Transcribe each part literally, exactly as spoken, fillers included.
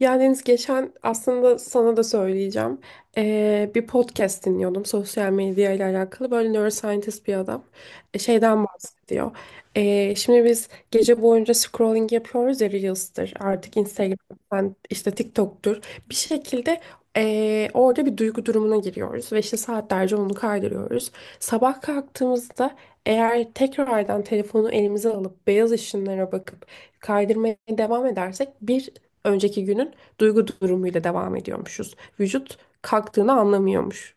Ya Deniz geçen aslında sana da söyleyeceğim. Ee, bir podcast dinliyordum sosyal medya ile alakalı. Böyle neuroscientist bir adam e, şeyden bahsediyor. Ee, şimdi biz gece boyunca scrolling yapıyoruz ya, Reels'tir artık, Instagram'dan, işte TikTok'tur. Bir şekilde ee, orada bir duygu durumuna giriyoruz ve işte saatlerce onu kaydırıyoruz. Sabah kalktığımızda eğer tekrardan telefonu elimize alıp beyaz ışınlara bakıp kaydırmaya devam edersek bir önceki günün duygu durumuyla devam ediyormuşuz. Vücut kalktığını anlamıyormuş.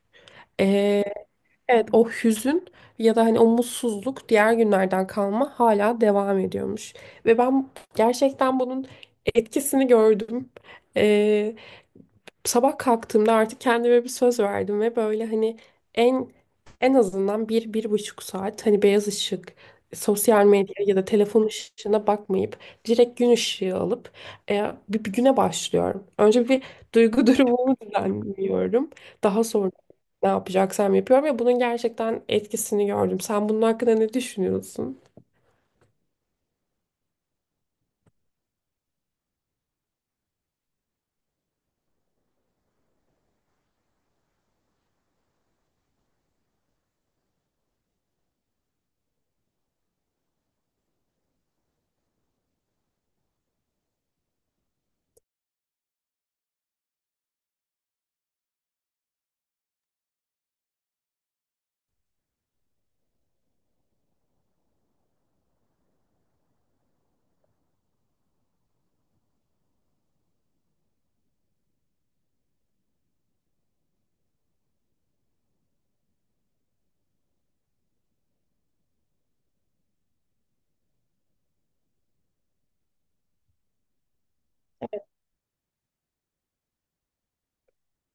Ee, evet, o hüzün ya da hani o mutsuzluk diğer günlerden kalma hala devam ediyormuş. Ve ben gerçekten bunun etkisini gördüm. Ee, Sabah kalktığımda artık kendime bir söz verdim ve böyle hani en en azından bir, bir buçuk saat hani beyaz ışık, sosyal medya ya da telefon ışığına bakmayıp direkt gün ışığı alıp e, bir, bir güne başlıyorum. Önce bir duygu durumumu düzenliyorum. Daha sonra ne yapacaksam yapıyorum ve bunun gerçekten etkisini gördüm. Sen bunun hakkında ne düşünüyorsun?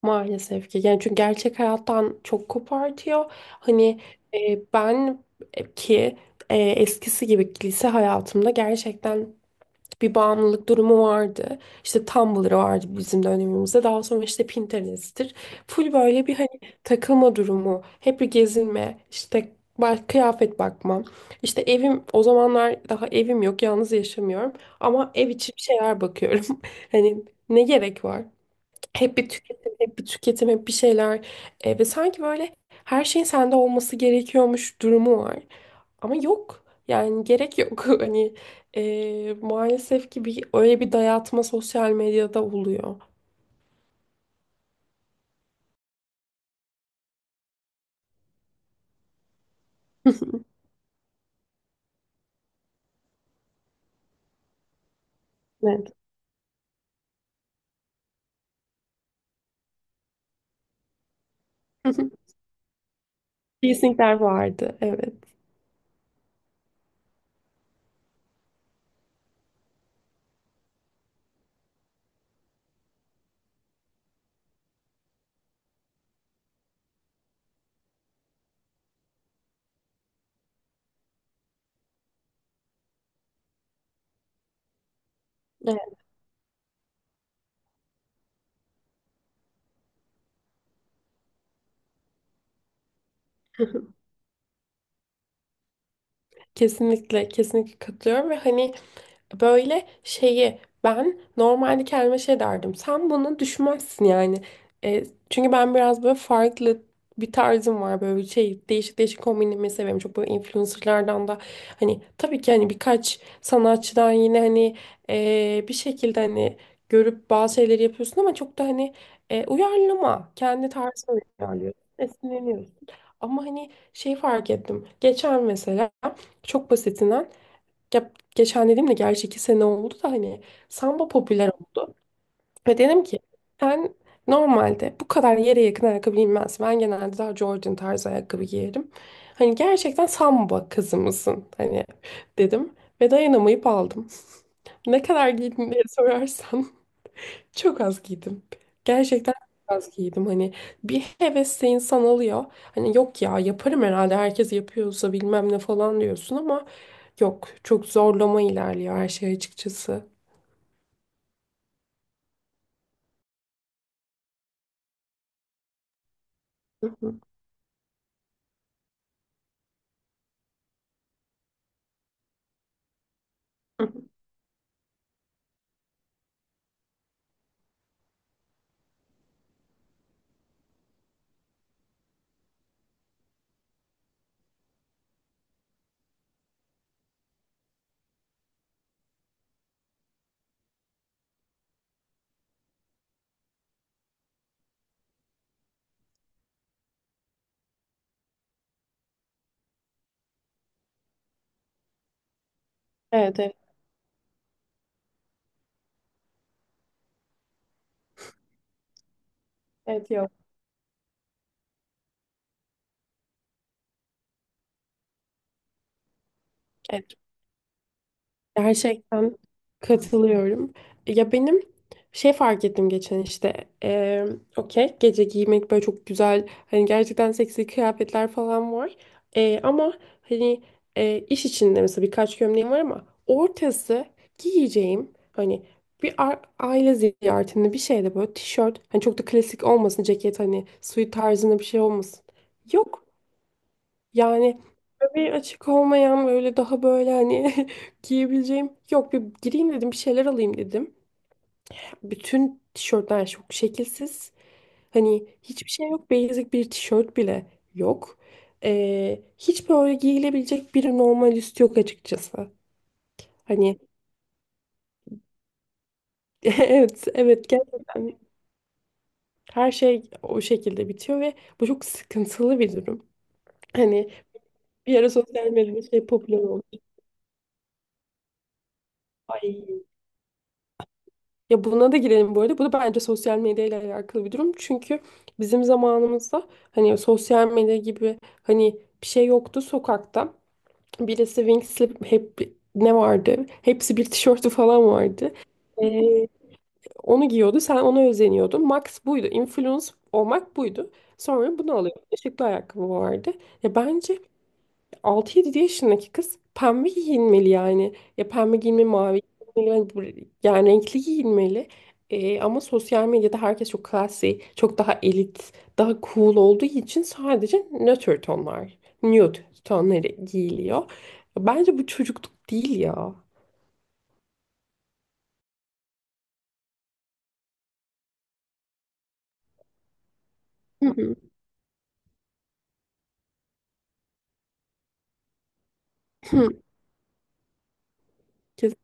Maalesef ki. Yani çünkü gerçek hayattan çok kopartıyor. Hani e, ben e, ki e, eskisi gibi lise hayatımda gerçekten bir bağımlılık durumu vardı. İşte Tumblr vardı bizim dönemimizde. Daha sonra işte Pinterest'tir. Full böyle bir hani takılma durumu, hep bir gezinme, işte ba- kıyafet bakma. İşte evim o zamanlar, daha evim yok, yalnız yaşamıyorum ama ev içi bir şeyler bakıyorum. Hani ne gerek var? Hep bir tüketim, hep bir tüketim, hep bir şeyler. E, ve sanki böyle her şeyin sende olması gerekiyormuş durumu var. Ama yok. Yani gerek yok. Hani e, maalesef ki bir, öyle bir dayatma sosyal medyada oluyor. Evet. Teasingler vardı. Evet. Evet. Kesinlikle, kesinlikle katılıyorum ve hani böyle şeyi ben normalde kendime şey derdim. Sen bunu düşünmezsin yani. E, Çünkü ben biraz böyle farklı bir tarzım var, böyle bir şey, değişik değişik kombinimi seviyorum. Çok böyle influencerlardan da hani tabii ki hani birkaç sanatçıdan yine hani e, bir şekilde hani görüp bazı şeyleri yapıyorsun ama çok da hani e, uyarlama, kendi tarzına uyarlıyorsun, esinleniyorsun. Ama hani şey fark ettim. Geçen mesela çok basitinden, ya geçen dediğimde gerçi iki sene oldu da hani samba popüler oldu. Ve dedim ki ben normalde bu kadar yere yakın ayakkabı giymez. Ben genelde daha Jordan tarzı ayakkabı giyerim. Hani gerçekten samba kızı mısın? Hani dedim ve dayanamayıp aldım. Ne kadar giydin diye sorarsan çok az giydim. Gerçekten çok az giydim. Hani bir hevesle insan alıyor. Hani yok ya, yaparım herhalde, herkes yapıyorsa bilmem ne falan diyorsun ama yok. Çok zorlama ilerliyor her şey açıkçası. Hı hı. Evet, evet, evet, yok. Gerçekten katılıyorum. Ya benim şey fark ettim geçen işte eee okey, gece giymek böyle çok güzel, hani gerçekten seksi kıyafetler falan var. Eee, ama hani eee, iş içinde mesela birkaç gömleğim var ama ortası giyeceğim, hani bir a- aile ziyaretinde bir şeyde, böyle tişört hani çok da klasik olmasın, ceket hani suit tarzında bir şey olmasın. Yok. Yani bir açık olmayan böyle daha böyle hani giyebileceğim. Yok, bir gireyim dedim, bir şeyler alayım dedim. Bütün tişörtler çok şekilsiz. Hani hiçbir şey yok. Basic bir tişört bile yok. Ee, hiç böyle giyilebilecek bir normal üst yok açıkçası. Hani evet, evet, gerçekten her şey o şekilde bitiyor ve bu çok sıkıntılı bir durum. Hani bir ara sosyal medyada şey popüler oldu. Ay, ya buna da girelim bu arada. Bu da bence sosyal medyayla alakalı bir durum. Çünkü bizim zamanımızda hani sosyal medya gibi hani bir şey yoktu sokakta. Birisi Wing Slip, hep ne vardı? Hepsi bir tişörtü falan vardı. Ee, Onu giyiyordu. Sen ona özeniyordun. Max buydu. Influence olmak buydu. Sonra bunu alıyor. Işıklı ayakkabı vardı. Ya bence altı yedi yaşındaki kız pembe giyinmeli yani. Ya pembe giyinmeli, mavi giyinmeli, yani bu- yani renkli giyinmeli. Ee, ama sosyal medyada herkes çok classy, çok daha elit, daha cool olduğu için sadece nötr tonlar, nude tonları giyiliyor. Bence bu çocukluk değil ya. Hı hı, hı. Kes-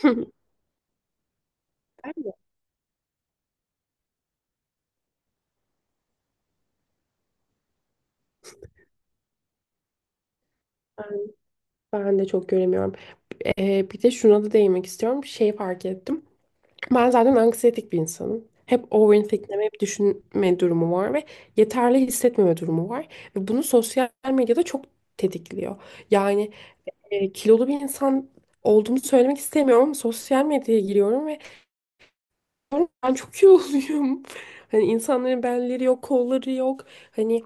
Hı. Ben de, ben de çok göremiyorum. Ee, bir de şuna da değinmek istiyorum. Şey fark ettim. Ben zaten anksiyetik bir insanım. Hep overthinkleme, hep düşünme durumu var ve yeterli hissetmeme durumu var. Ve bunu sosyal medyada çok tetikliyor. Yani e, kilolu bir insan olduğumu söylemek istemiyorum ama sosyal medyaya giriyorum ve ben çok iyi oluyorum. Hani insanların belleri yok, kolları yok. Hani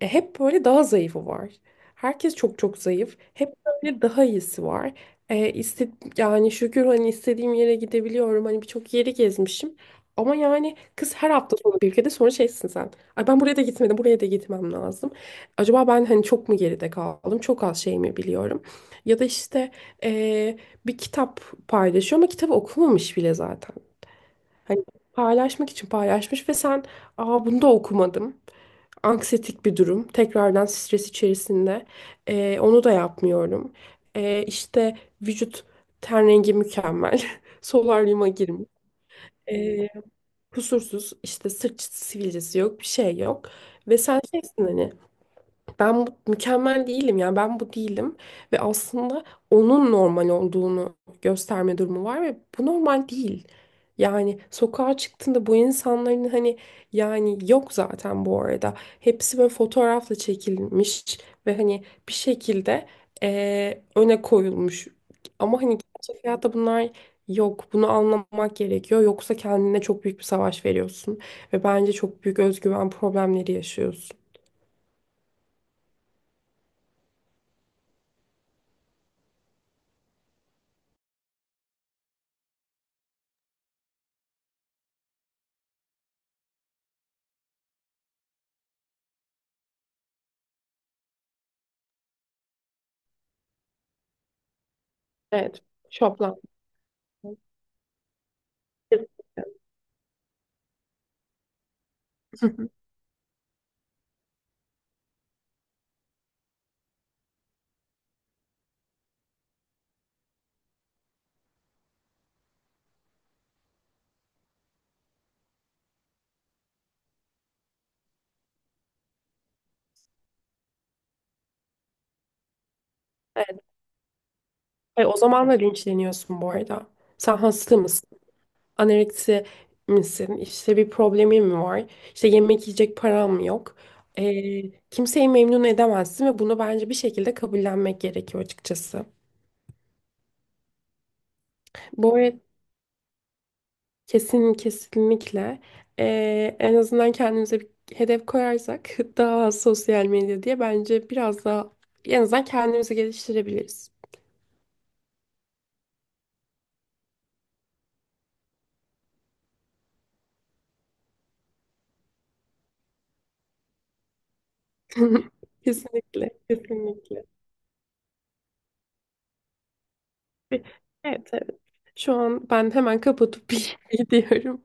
hep böyle daha zayıfı var. Herkes çok çok zayıf. Hep böyle daha iyisi var. E, iste- Yani şükür hani istediğim yere gidebiliyorum. Hani birçok yeri gezmişim. Ama yani kız her hafta sonu bir ülkede, sonra şeysin sen. Ay ben buraya da gitmedim, buraya da gitmem lazım. Acaba ben hani çok mu geride kaldım? Çok az şey mi biliyorum? Ya da işte e, bir kitap paylaşıyor ama kitabı okumamış bile zaten. Hani paylaşmak için paylaşmış ve sen, aa bunu da okumadım. Anksiyetik bir durum. Tekrardan stres içerisinde. Ee, onu da yapmıyorum. Ee, işte vücut ten rengi mükemmel. Solaryuma girmiş. Ee, Kusursuz, işte sırt sivilcesi yok, bir şey yok. Ve sen şeysin, hani ben bu- mükemmel değilim, yani ben bu değilim ve aslında onun normal olduğunu gösterme durumu var ve bu normal değil. Yani sokağa çıktığında bu insanların hani, yani yok zaten bu arada. Hepsi böyle fotoğrafla çekilmiş ve hani bir şekilde eee, öne koyulmuş. Ama hani gerçek hayatta bunlar yok. Bunu anlamak gerekiyor. Yoksa kendine çok büyük bir savaş veriyorsun ve bence çok büyük özgüven problemleri yaşıyorsun. Evet. Şoplan. Hı hı. Evet. E, o zaman da linçleniyorsun bu arada. Sen hasta mısın? Anoreksi misin? İşte bir problemin mi var? İşte yemek yiyecek param mı yok? E, kimseyi memnun edemezsin ve bunu bence bir şekilde kabullenmek gerekiyor açıkçası. Bu arada kesin, kesinlikle e, en azından kendimize bir hedef koyarsak daha az sosyal medya diye, bence biraz daha en azından kendimizi geliştirebiliriz. Kesinlikle, kesinlikle. Evet, evet. Şu an ben hemen kapatıp bir gidiyorum.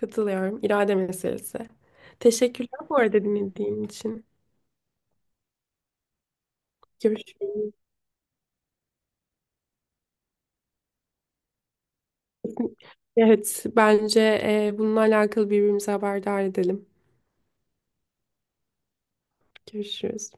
Katılıyorum. İrade meselesi. Teşekkürler bu arada dinlediğin için. Görüşürüz. Evet, bence e, bununla alakalı birbirimizi haberdar edelim. Görüşürüz.